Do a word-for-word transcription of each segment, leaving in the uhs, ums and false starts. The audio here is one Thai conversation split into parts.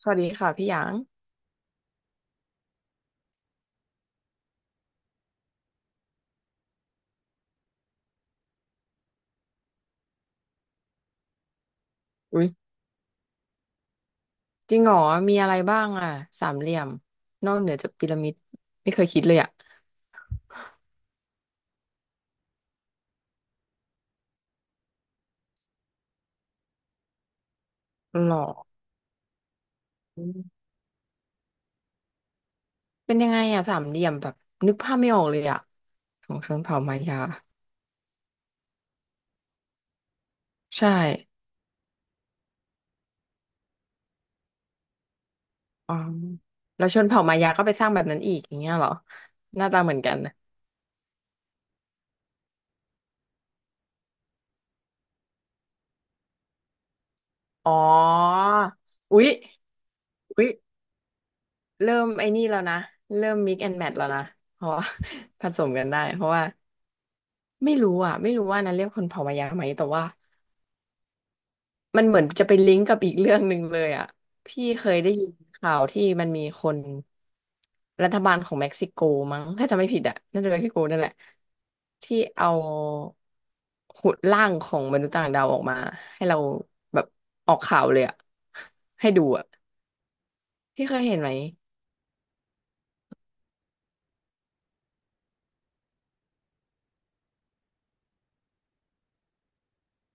สวัสดีค่ะพี่หยางอุ้ยจริงเหรอมีอะไรบ้างอ่ะสามเหลี่ยมนอกเหนือจากพีระมิดไม่เคยคิดเลยอ่ะหรออืมเป็นยังไงอ่ะสามเหลี่ยมแบบนึกภาพไม่ออกเลยอ่ะของชนเผ่ามายาใช่อ๋อแล้วชนเผ่ามายาก็ไปสร้างแบบนั้นอีกอย่างเงี้ยเหรอหน้าตาเหมือนกันนะอ๋ออุ๊ยอุ๊ยเริ่มไอ้นี่แล้วนะเริ่มมิกแอนด์แมทแล้วนะเพราะว่า ผสมกันได้เพราะว่าไม่รู้อ่ะไม่รู้ว่านั้นเรียกคนเผ่ามายาไหมแต่ว่า มันเหมือนจะไปลิงก์กับอีกเรื่องหนึ่งเลยอ่ะพี่เคยได้ยินข่าวที่มันมีคนรัฐบาลของเม็กซิโกมั้งถ้าจำไม่ผิดอ่ะน่าจะเม็กซิโกนั่นแหละที่เอาหุ่นร่างของมนุษย์ต่างดาวออกมาให้เราแบบออกข่าวเลยอ่ะให้ดูอ่ะพี่เคยเห็นไหม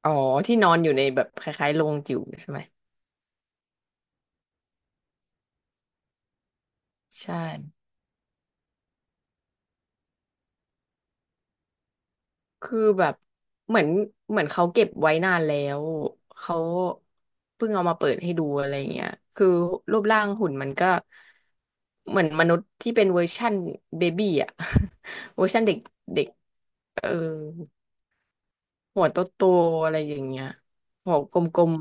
อ๋อที่นอนอยู่ในแบบคล้ายๆโรงจิ๋วใช่ไหมใช่ คือแบบเหมือนเหมือนเขาเก็บไว้นานแล้วเขาเพิ่งเอามาเปิดให้ดูอะไรเงี้ยคือรูปร่างหุ่นมันก็เหมือนมนุษย์ที่เป็นเวอร์ชั่นเบบี้อ่ะ เวอร์ชั่นเด็กเด็กเออหัวโตโตอะไรอย่างเงี้ยหัวกลม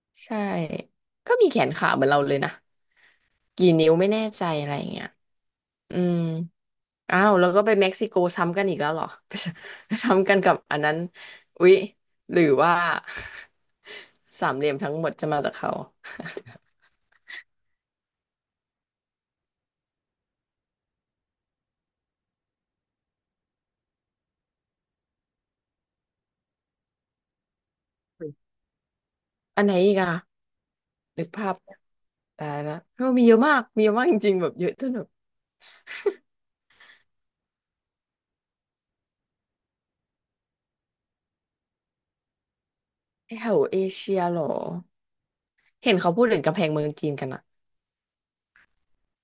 ๆใช่ก็มีแขนขาเหมือนเราเลยนะกี่นิ้วไม่แน่ใจอะไรเงี้ยอืม อ้าวแล้วก็ไปเม็กซิโกซ้ำกันอีกแล้วเหรอ ซ้ำกันกับอันนั้นอุ๊ยหรือว่า สามเหลี่ยมทั้งหมดจะมาจากเขาอันไหนอีกอะนึกภาพตายละเออมีเยอะมากมีเยอะมากจริงๆแบบเยอะจนแบบแถวเอเชียเหรอเห็นเขาพูดถึงกำแพงเมืองจีนกันอะ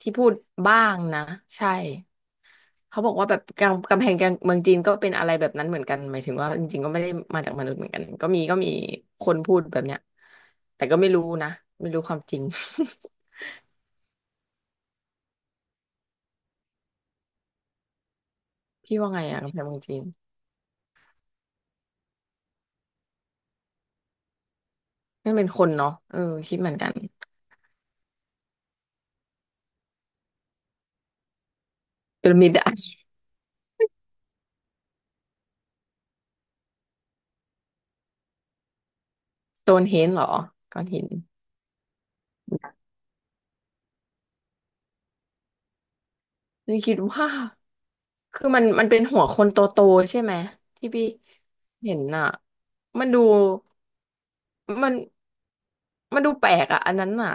ที่พูดบ้างนะใช่ เขาบอกว่าแบบกำกำแพงเมืองจีนก็เป็นอะไรแบบนั้นเหมือนกันหมายถึงว่าจริงๆก็ไม่ได้มาจากมนุษย์เหมือนกันก็มีก็มีคนพูดแบบเนี้ยแต่ก็ไม่รู้นะไม่รู้ความจริง พี่ว่าไงอะกำแพงเมืองจีนนั่นเป็นคนเนาะเออคิดเหมือนกันพีระมิดอะสโตนเฮนจ์เหรอก้อนหินนี่คิดว่าคือมันมันเป็นหัวคนโตๆใช่ไหมที่พี่เห็นอะมันดูมันมันดูแปลกอะอันนั้นอะ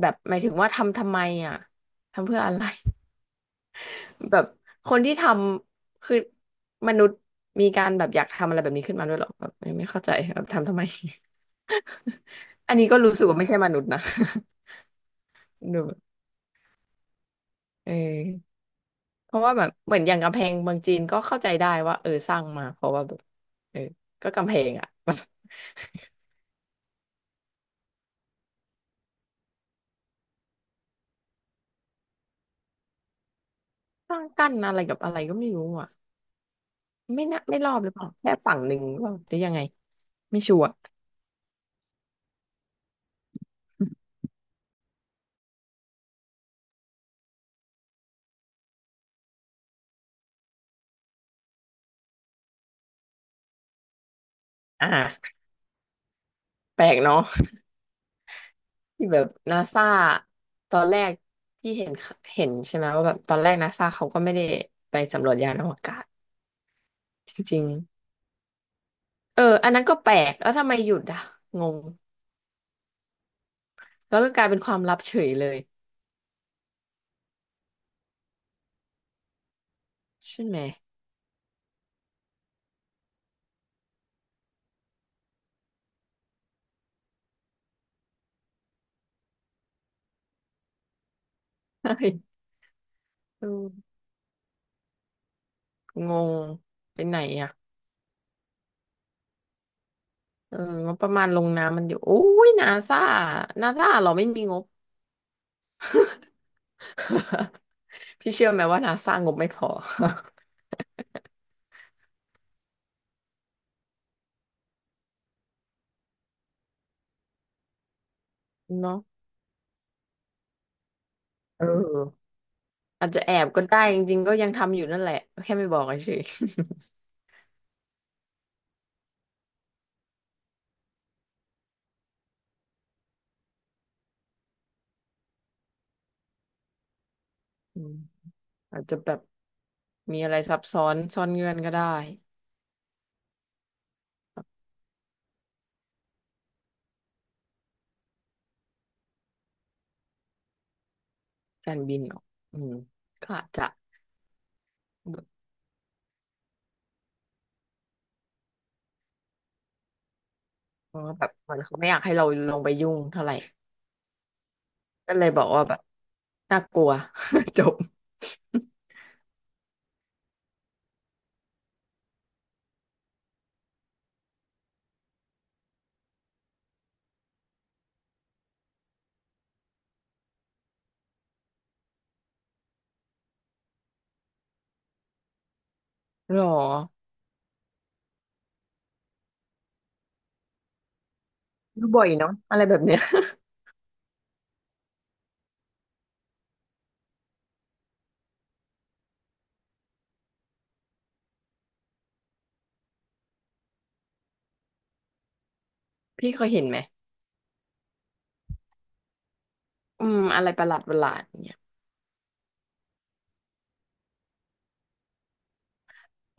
แบบหมายถึงว่าทำทำไมอะทำเพื่ออะไร แบบคนที่ทำคือมนุษย์มีการแบบอยากทำอะไรแบบนี้ขึ้นมาด้วยเหรอแบบไม่ไม่เข้าใจแบบทำทำไม อันนี้ก็รู้สึกว่าไม่ใช่มนุษย์นะ ดูแบบเออเพราะว่าแบบเหมือนอย่างกำแพงเมืองจีนก็เข้าใจได้ว่าเออสร้างมาเพราะว่าแบบเออก็กำแพงอะ สร้างกั้นอะไรกับอะไรก็ไม่รู้อ่ะไม่น่าไม่รอบหรือเปล่าแค่ฝั่งหนึ่งหรือเปล่าหรือยังไงไม่ชัวร์อ่าแปลกเนาะ ที่แบบนาซาตอนแรกที่เห็นเห็นใช่ไหมว่าแบบตอนแรกนาซาเขาก็ไม่ได้ไปสำรวจยานอวกาศจริงๆเอออันนั้นก็แปลกแล้วทำไมหยุดอ่ะงงแล้วก็กลายเป็นความลับเฉยเลยใช่ไหมใช่เอองงไปไหนอ่ะเอองบประมาณลงน้ำมันอยู่โอ้ยนาซานาซาเราไม่มีงบ พี่เชื่อไหมว่านาซางบไม่พอ เนาะเออ อาจจะแอบก็ได้จริงๆก็ยังทำอยู่นั่นแหละแค่ไม่บอกเฉยๆ อืมอาจจะแบบมีอะไรซับซ้อนซ่อนเงื่อนก็ได้การบินเหรออืมก็อาจจะเพราะว่าแบบเหมือนเขาไม่อยากให้เราลงไปยุ่งเท่าไหร่ก็เลยบอกว่าแบบน่ากลัว จบหรอดูบ่อยเนาะอะไรแบบเนี้ย พี่เคยเห็นไหมอืมอะไรประหลาดประหลาดเนี่ย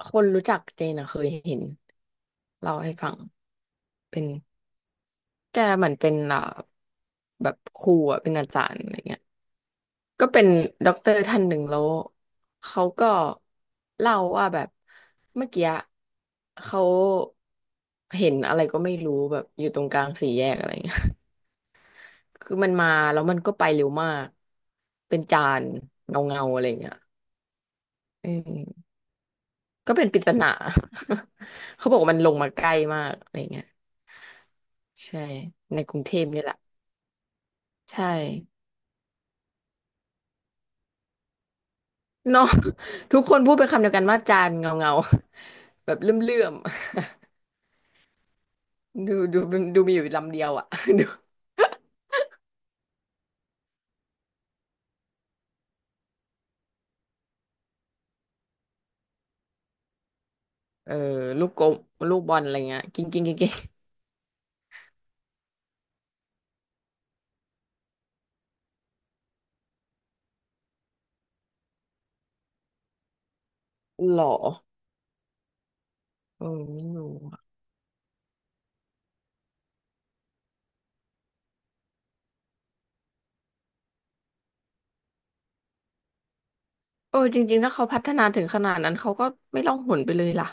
คนรู้จักเจนอะเคยเห็นเล่าให้ฟังเป็นแกเหมือนเป็นอ่าแบบครูอะเป็นอาจารย์อะไรเงี้ย ก็เป็นด็อกเตอร์ท่านหนึ่งแล้วเขาก็เล่าว่าแบบเมื่อกี้เขาเห็นอะไรก็ไม่รู้แบบอยู่ตรงกลางสี่แยกอะไรเงี้ย คือมันมาแล้วมันก็ไปเร็วมากเป็นจานเงาเงาอะไรเงี้ยเออก็เป็นปริศนา เขาบอกว่ามันลงมาใกล้มากอะไรเงี้ยใช่ในกรุงเทพนี่แหละใช่เนาะ ทุกคนพูดเป็นคำเดียวกันว่าจานเงาเงาแบบเลื่อมเลื่อม ดูดูดูมีอยู่ลำเดียวอ่ะ ดูเออลูกกลมลูกบอลอะไรเงี้ยกิ้งกิ้งกิ้งกิ้งหรอเออไม่รู้อะเออจริงๆถ้าเขาพัฒนาถึงขนาดนั้นเขาก็ไม่ล่องหนไปเลยล่ะ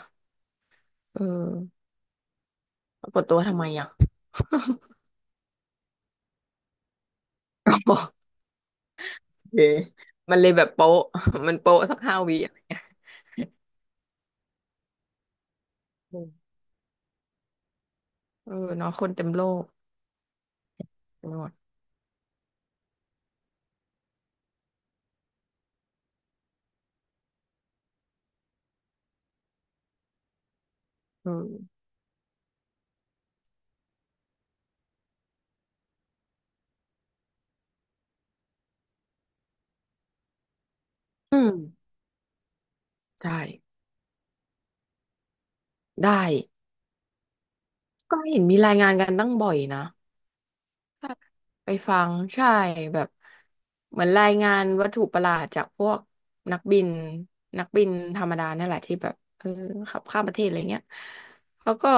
เออปรากฏตัวทำไมอ่ะ โอเค มันเลยแบบโป๊ะ มันโป๊ะสักห้าวิอะเออเออเนาะคนเต็มโลกไปหมดเอออืมใช่ได้ก็เห็นมีรายงานกันตั้งบ่อยนะ ไปฟังใช่แบบเหมือนรายงานวัตถุประหลาดจากพวกนักบินนักบินธรรมดานั่นแหละที่แบบเออขับข้ามประเทศอะไรเงี้ยเขาก็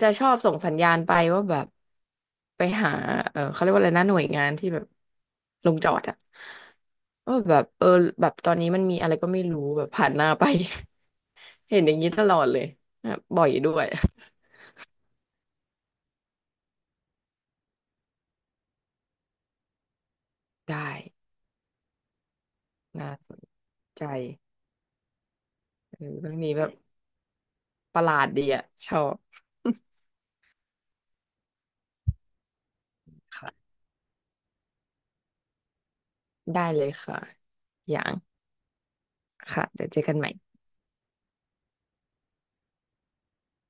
จะชอบส่งสัญญาณไปว่าแบบไปหาเออเขาเรียกว่าอะไรนะหน่วยงานที่แบบลงจอดอะว่าแบบเออแบบตอนนี้มันมีอะไรก็ไม่รู้แบบผ่านหน้าไป เห็นอย่างนี้ตลอดเลยนะบ่อยด้วย ได้น่าสนใจเออเรื่องนี้แบบ ประหลาดดีอะชอบ ค่ะ ได้เลยค่ะอย่างค่ะเดี๋ยวเจอกันใหม่